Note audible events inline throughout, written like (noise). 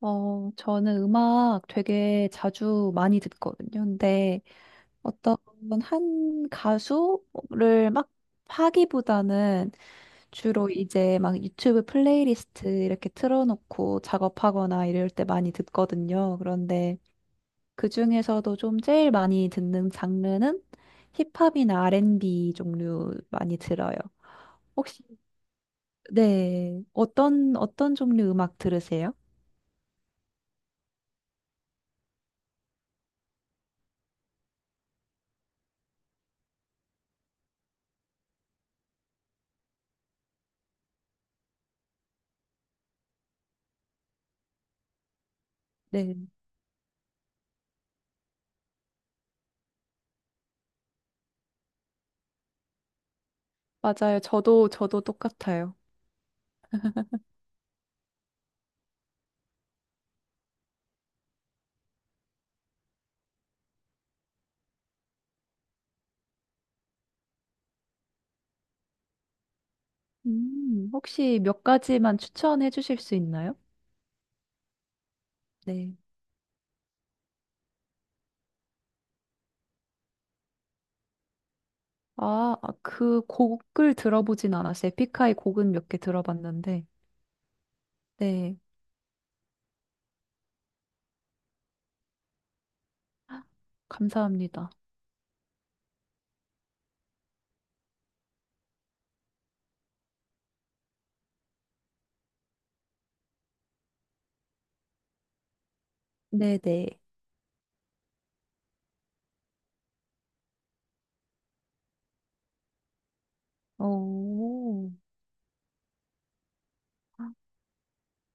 저는 음악 되게 자주 많이 듣거든요. 근데 어떤 한 가수를 막 파기보다는 주로 이제 막 유튜브 플레이리스트 이렇게 틀어놓고 작업하거나 이럴 때 많이 듣거든요. 그런데 그중에서도 좀 제일 많이 듣는 장르는 힙합이나 R&B 종류 많이 들어요. 혹시, 네, 어떤 종류 음악 들으세요? 네. 맞아요. 저도 똑같아요. 혹시 몇 가지만 추천해 주실 수 있나요? 네. 아, 그 곡을 들어보진 않았어요. 에픽하이 곡은 몇 개 들어봤는데. 네, 감사합니다. 네네. 오.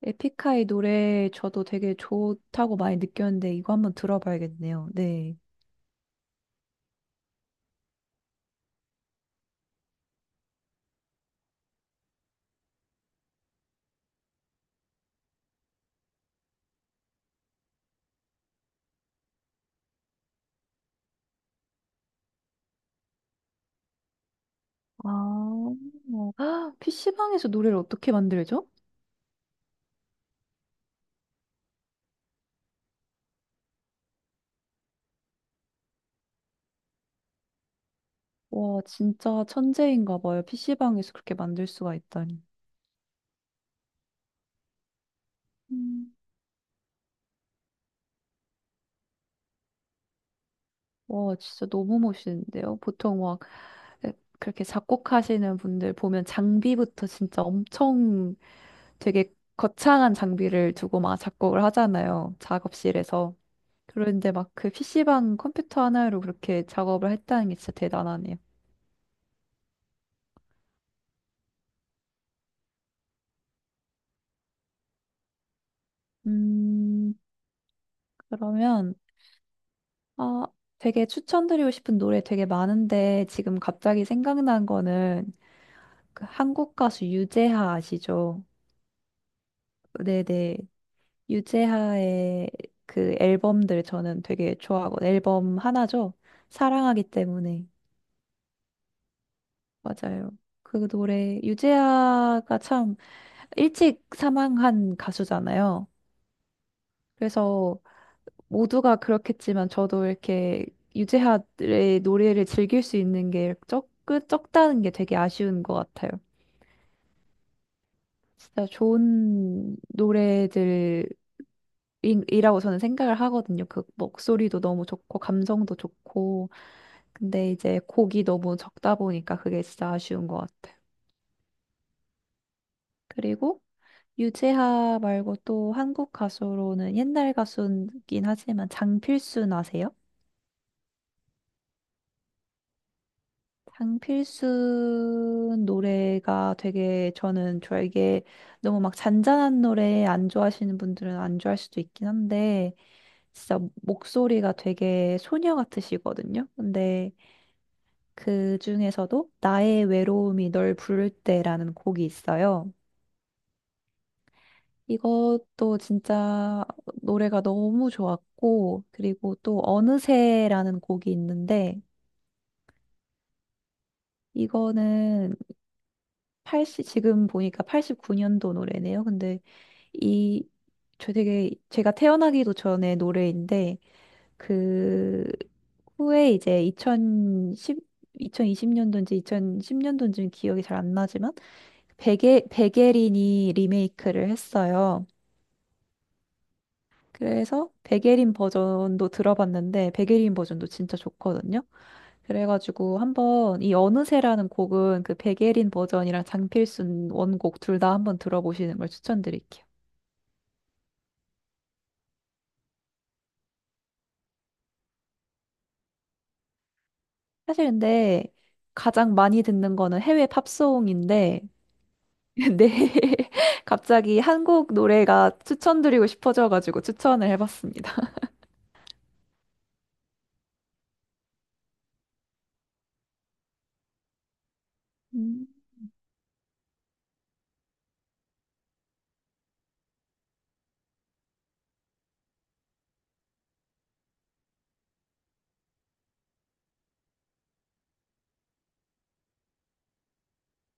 에픽하이 노래 저도 되게 좋다고 많이 느꼈는데 이거 한번 들어봐야겠네요. 네. 아, 아, PC방에서 노래를 어떻게 만들죠? 와, 진짜 천재인가 봐요. PC방에서 그렇게 만들 수가 있다니. 음. 와, 진짜 너무 멋있는데요. 보통 막 그렇게 작곡하시는 분들 보면 장비부터 진짜 엄청 되게 거창한 장비를 두고 막 작곡을 하잖아요. 작업실에서. 그런데 막 그 PC방 컴퓨터 하나로 그렇게 작업을 했다는 게 진짜 대단하네요. 음, 그러면, 아, 되게 추천드리고 싶은 노래 되게 많은데 지금 갑자기 생각난 거는 그 한국 가수 유재하 아시죠? 네네. 유재하의 그 앨범들 저는 되게 좋아하고 앨범 하나죠. 사랑하기 때문에. 맞아요. 그 노래 유재하가 참 일찍 사망한 가수잖아요. 그래서 모두가 그렇겠지만 저도 이렇게 유재하의 노래를 즐길 수 있는 게 적다는 게 되게 아쉬운 것 같아요. 진짜 좋은 노래들 이라고 저는 생각을 하거든요. 그 목소리도 너무 좋고 감성도 좋고 근데 이제 곡이 너무 적다 보니까 그게 진짜 아쉬운 것 같아요. 그리고 유재하 말고 또 한국 가수로는 옛날 가수긴 하지만 장필순 아세요? 장필순 노래가 되게 저는 좋아 이게 너무 막 잔잔한 노래 안 좋아하시는 분들은 안 좋아할 수도 있긴 한데 진짜 목소리가 되게 소녀 같으시거든요. 근데 그 중에서도 나의 외로움이 널 부를 때라는 곡이 있어요. 이것도 진짜 노래가 너무 좋았고, 그리고 또 어느새라는 곡이 있는데, 이거는 팔0 지금 보니까 89년도 노래네요. 근데 이, 저 되게, 제가 태어나기도 전에 노래인데, 그, 후에 이제 2 0십이2 0십년도인지 2010년도인지는 기억이 잘 안 나지만, 베게린이 리메이크를 했어요. 그래서 베게린 버전도 들어봤는데, 베게린 버전도 진짜 좋거든요. 그래가지고 한번 이 어느새라는 곡은 그 백예린 버전이랑 장필순 원곡 둘 다 한번 들어보시는 걸 추천드릴게요. 사실 근데 가장 많이 듣는 거는 해외 팝송인데 (laughs) 네 (laughs) 갑자기 한국 노래가 추천드리고 싶어져가지고 추천을 해봤습니다. 음,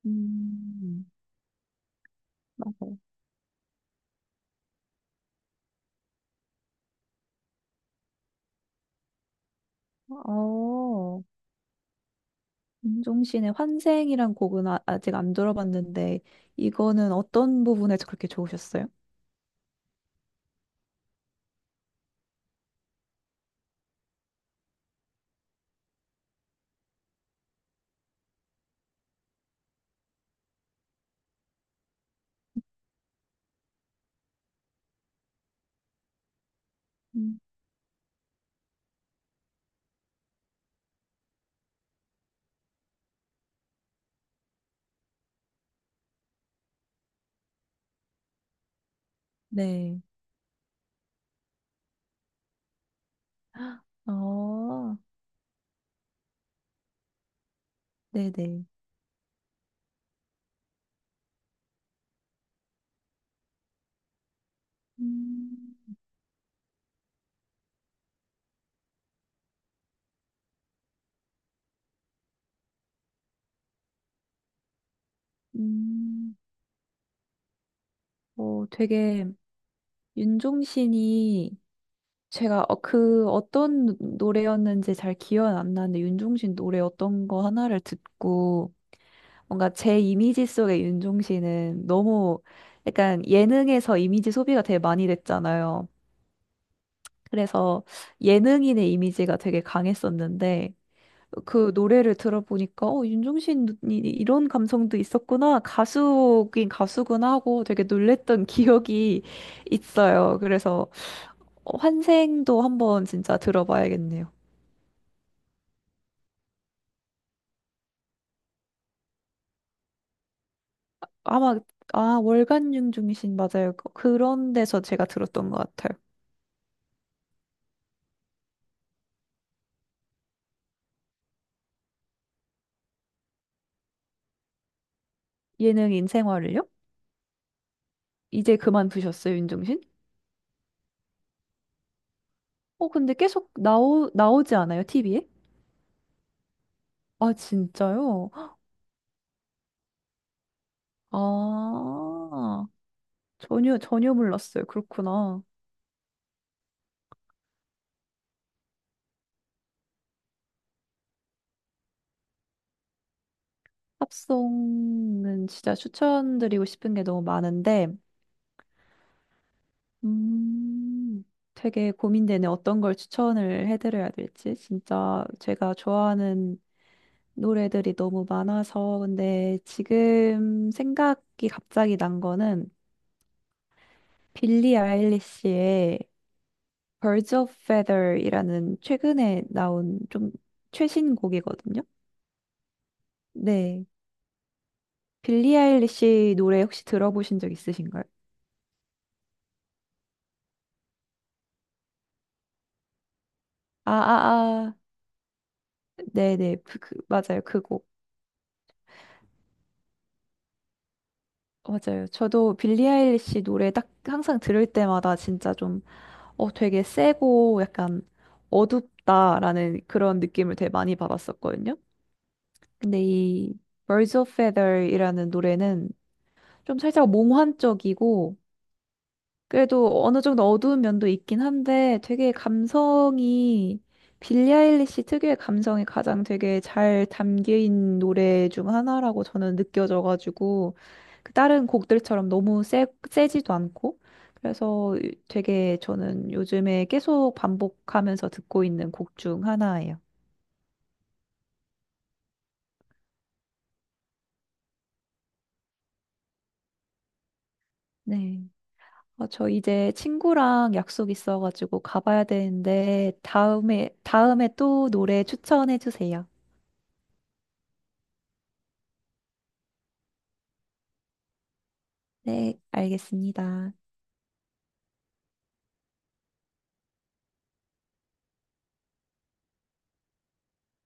음, 맞아요. 어, 윤종신의 환생이란 곡은 아, 아직 안 들어봤는데 이거는 어떤 부분에서 그렇게 좋으셨어요? 음. 네. 어, 네네. 음, 음, 어, 되게 윤종신이 제가 그 어떤 노래였는지 잘 기억은 안 나는데 윤종신 노래 어떤 거 하나를 듣고 뭔가 제 이미지 속의 윤종신은 너무 약간 예능에서 이미지 소비가 되게 많이 됐잖아요. 그래서 예능인의 이미지가 되게 강했었는데 그 노래를 들어보니까 윤종신이 이런 감성도 있었구나. 가수긴 가수구나 하고 되게 놀랬던 (laughs) 기억이 있어요. 그래서 환생도 한번 진짜 들어봐야겠네요. 아마 아, 월간 윤종신 맞아요. 그런 데서 제가 들었던 것 같아요. 예능 인생활을요? 이제 그만두셨어요, 윤종신? 어, 근데 계속 나오지 않아요, TV에? 아, 진짜요? 아, 전혀 몰랐어요. 그렇구나. 팝송은 진짜 추천드리고 싶은 게 너무 많은데, 음, 되게 고민되네. 어떤 걸 추천을 해드려야 될지. 진짜 제가 좋아하는 노래들이 너무 많아서. 근데 지금 생각이 갑자기 난 거는 빌리 아일리시의 Birds of Feather이라는 최근에 나온 좀 최신 곡이거든요. 네. 빌리 아일리시 노래 혹시 들어보신 적 있으신가요? 아, 아, 아. 네네, 맞아요. 그 곡. 맞아요. 저도 빌리 아일리시 노래 딱 항상 들을 때마다 진짜 좀, 어, 되게 세고 약간 어둡다라는 그런 느낌을 되게 많이 받았었거든요. 근데 이 Birds of Feather이라는 노래는 좀 살짝 몽환적이고 그래도 어느 정도 어두운 면도 있긴 한데 되게 감성이 빌리 아일리시 특유의 감성이 가장 되게 잘 담긴 노래 중 하나라고 저는 느껴져가지고 그 다른 곡들처럼 너무 세지도 않고 그래서 되게 저는 요즘에 계속 반복하면서 듣고 있는 곡 중 하나예요. 네. 저 이제 친구랑 약속 있어가지고 가봐야 되는데 다음에 또 노래 추천해 주세요. 네, 알겠습니다.